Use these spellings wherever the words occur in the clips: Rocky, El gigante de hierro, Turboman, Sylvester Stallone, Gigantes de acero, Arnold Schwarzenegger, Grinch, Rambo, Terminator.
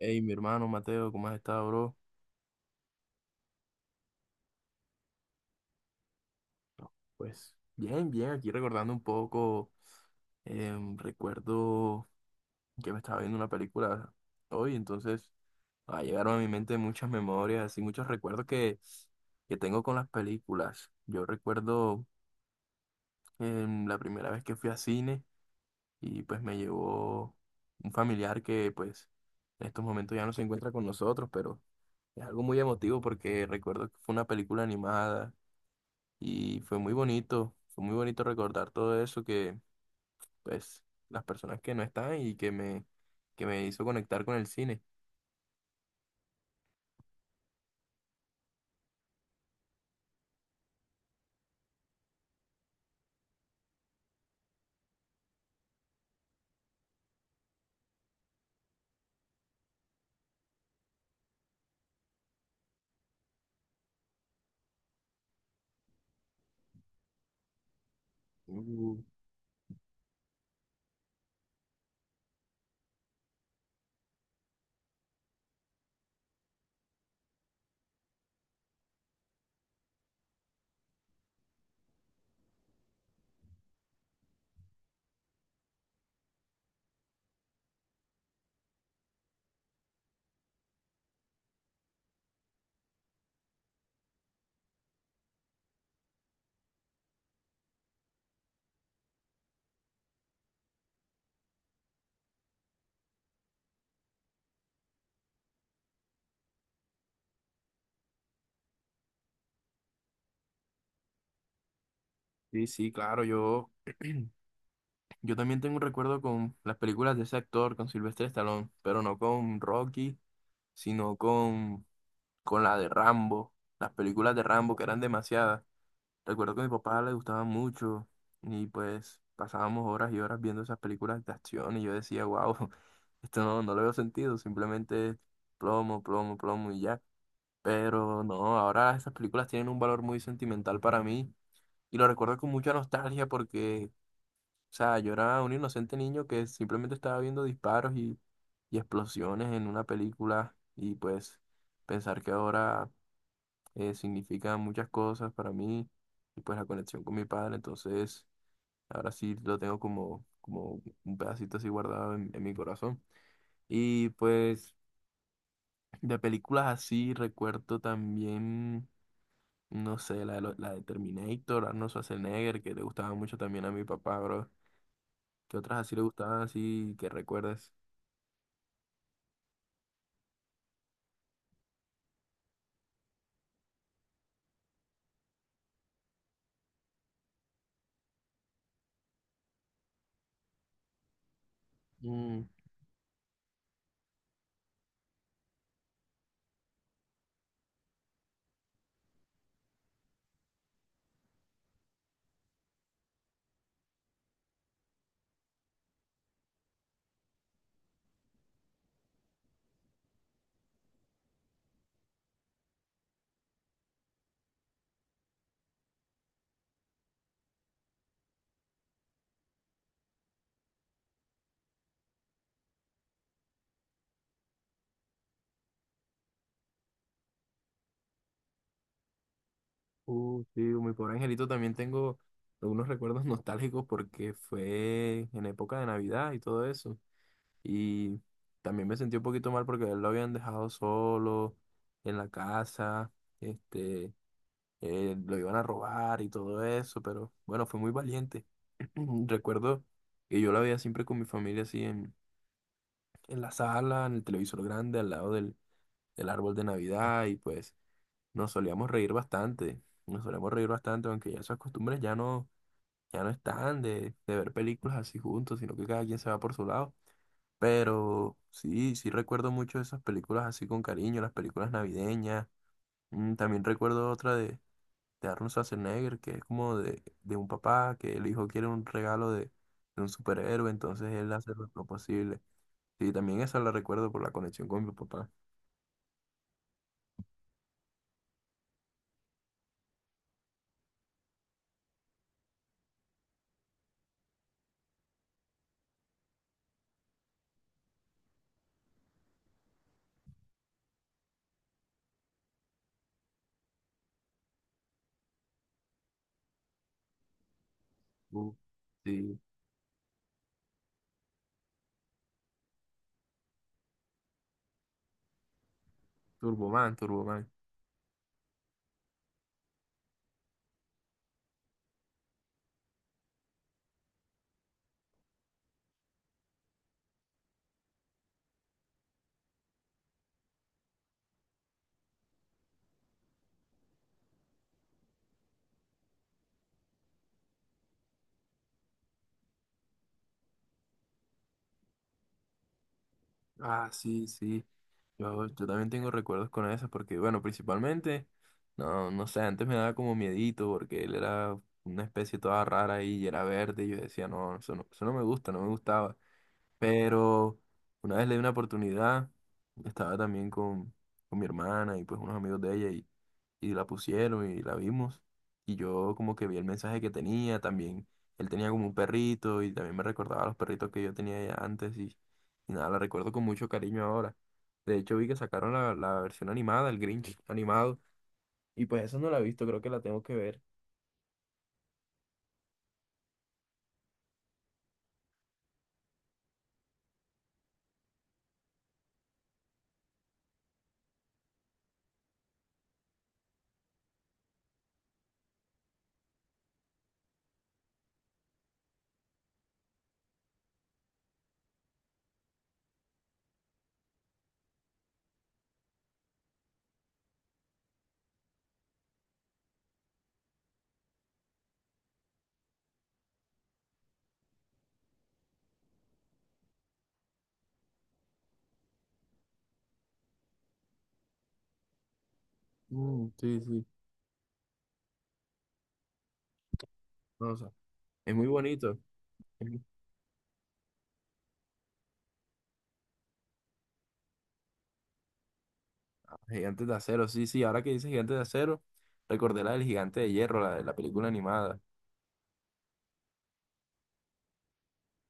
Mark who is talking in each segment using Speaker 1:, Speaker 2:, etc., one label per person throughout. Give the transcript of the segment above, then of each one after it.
Speaker 1: Hey, mi hermano Mateo, ¿cómo has estado, bro? Pues bien, bien, aquí recordando un poco. Recuerdo que me estaba viendo una película hoy, entonces llegaron a mi mente muchas memorias y muchos recuerdos que tengo con las películas. Yo recuerdo, la primera vez que fui a cine, y pues me llevó un familiar que, pues, en estos momentos ya no se encuentra con nosotros, pero es algo muy emotivo porque recuerdo que fue una película animada. Y fue muy bonito recordar todo eso, que, pues, las personas que no están y que me hizo conectar con el cine. Uh, Sí, sí, claro, yo también tengo un recuerdo con las películas de ese actor, con Sylvester Stallone, pero no con Rocky, sino con la de Rambo, las películas de Rambo que eran demasiadas. Recuerdo que a mi papá le gustaba mucho, y pues pasábamos horas y horas viendo esas películas de acción y yo decía, wow, esto no le veo sentido, simplemente plomo, plomo, plomo y ya. Pero no, ahora esas películas tienen un valor muy sentimental para mí y lo recuerdo con mucha nostalgia porque, o sea, yo era un inocente niño que simplemente estaba viendo disparos y explosiones en una película, y pues pensar que ahora significa muchas cosas para mí, y pues la conexión con mi padre. Entonces ahora sí lo tengo como, como un pedacito así guardado en mi corazón. Y pues de películas así recuerdo también, no sé, la de, la de Terminator, Arnold Schwarzenegger, que le gustaba mucho también a mi papá, bro. ¿Qué otras así le gustaban así que recuerdes? Mm, sí, mi pobre angelito también tengo algunos recuerdos nostálgicos porque fue en época de Navidad y todo eso. Y también me sentí un poquito mal porque a él lo habían dejado solo en la casa, este, lo iban a robar y todo eso, pero bueno, fue muy valiente. Recuerdo que yo la veía siempre con mi familia así en la sala, en el televisor grande, al lado del árbol de Navidad, y pues nos solíamos reír bastante, nos solíamos reír bastante, aunque ya esas costumbres ya no están de ver películas así juntos, sino que cada quien se va por su lado. Pero sí, sí recuerdo mucho esas películas así con cariño, las películas navideñas. Mm, también recuerdo otra de Arnold Schwarzenegger, que es como de un papá que el hijo quiere un regalo de un superhéroe, entonces él hace lo posible. Sí, también esa la recuerdo por la conexión con mi papá. Uh, sí, Turboman, Turboman. Ah, sí, sí. Yo también tengo recuerdos con esas porque, bueno, principalmente, no, no sé, antes me daba como miedito porque él era una especie toda rara ahí y era verde y yo decía, no, eso no me gusta, no me gustaba. Pero una vez le di una oportunidad, estaba también con mi hermana y pues unos amigos de ella, y la pusieron y la vimos. Y yo como que vi el mensaje que tenía también. Él tenía como un perrito y también me recordaba a los perritos que yo tenía ya antes, y nada, la recuerdo con mucho cariño ahora. De hecho vi que sacaron la versión animada, el Grinch animado. Y pues esa no la he visto, creo que la tengo que ver. Mm, sí, sí. No, o sea, es muy bonito. Gigantes de acero, sí, sí, ahora que dices gigantes de acero, recordé la del gigante de hierro, la de la película animada.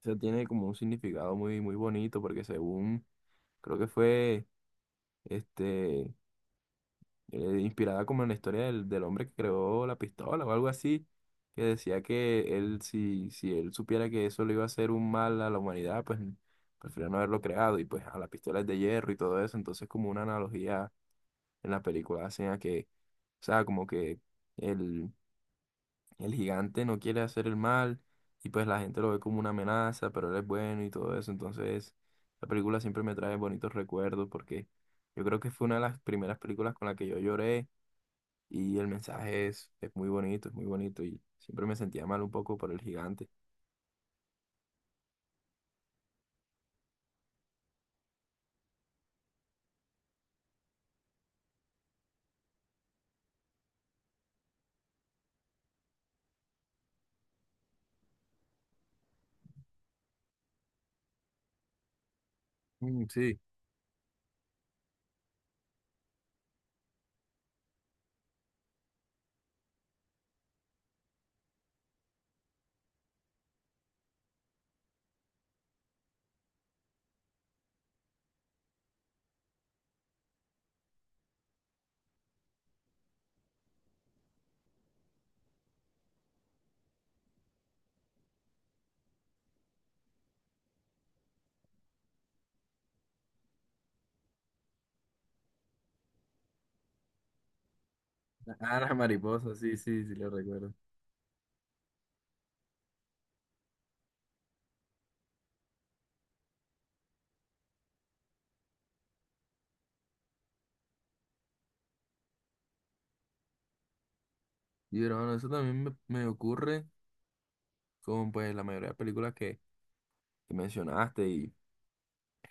Speaker 1: Eso tiene como un significado muy, muy bonito porque, según, creo que fue, este, inspirada como en la historia del hombre que creó la pistola o algo así, que decía que él, si él supiera que eso le iba a hacer un mal a la humanidad, pues prefiero no haberlo creado, y pues a la pistola es de hierro y todo eso, entonces como una analogía en la película hacen a que, o sea, como que... El, El gigante no quiere hacer el mal, y pues la gente lo ve como una amenaza, pero él es bueno y todo eso. Entonces, la película siempre me trae bonitos recuerdos porque yo creo que fue una de las primeras películas con la que yo lloré, y el mensaje es muy bonito, es muy bonito, y siempre me sentía mal un poco por el gigante. Mm, sí. Ah, la mariposa, sí, sí, sí, lo recuerdo. Y bueno, eso también me ocurre con pues la mayoría de películas que mencionaste y,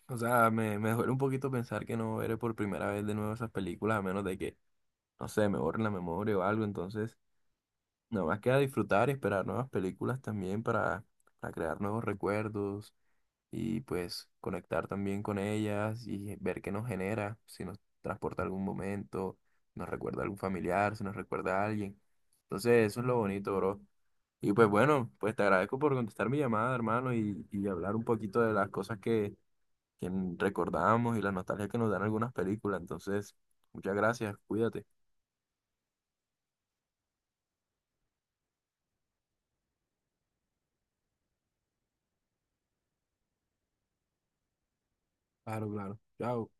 Speaker 1: o sea, me duele un poquito pensar que no veré por primera vez de nuevo esas películas, a menos de que, no sé, me borren la memoria o algo. Entonces, nada más queda disfrutar y esperar nuevas películas también para crear nuevos recuerdos, y pues conectar también con ellas y ver qué nos genera, si nos transporta a algún momento, si nos recuerda a algún familiar, si nos recuerda a alguien. Entonces, eso es lo bonito, bro. Y pues bueno, pues te agradezco por contestar mi llamada, hermano, y hablar un poquito de las cosas que recordamos y la nostalgia que nos dan algunas películas. Entonces, muchas gracias, cuídate. Claro, claro. Chao.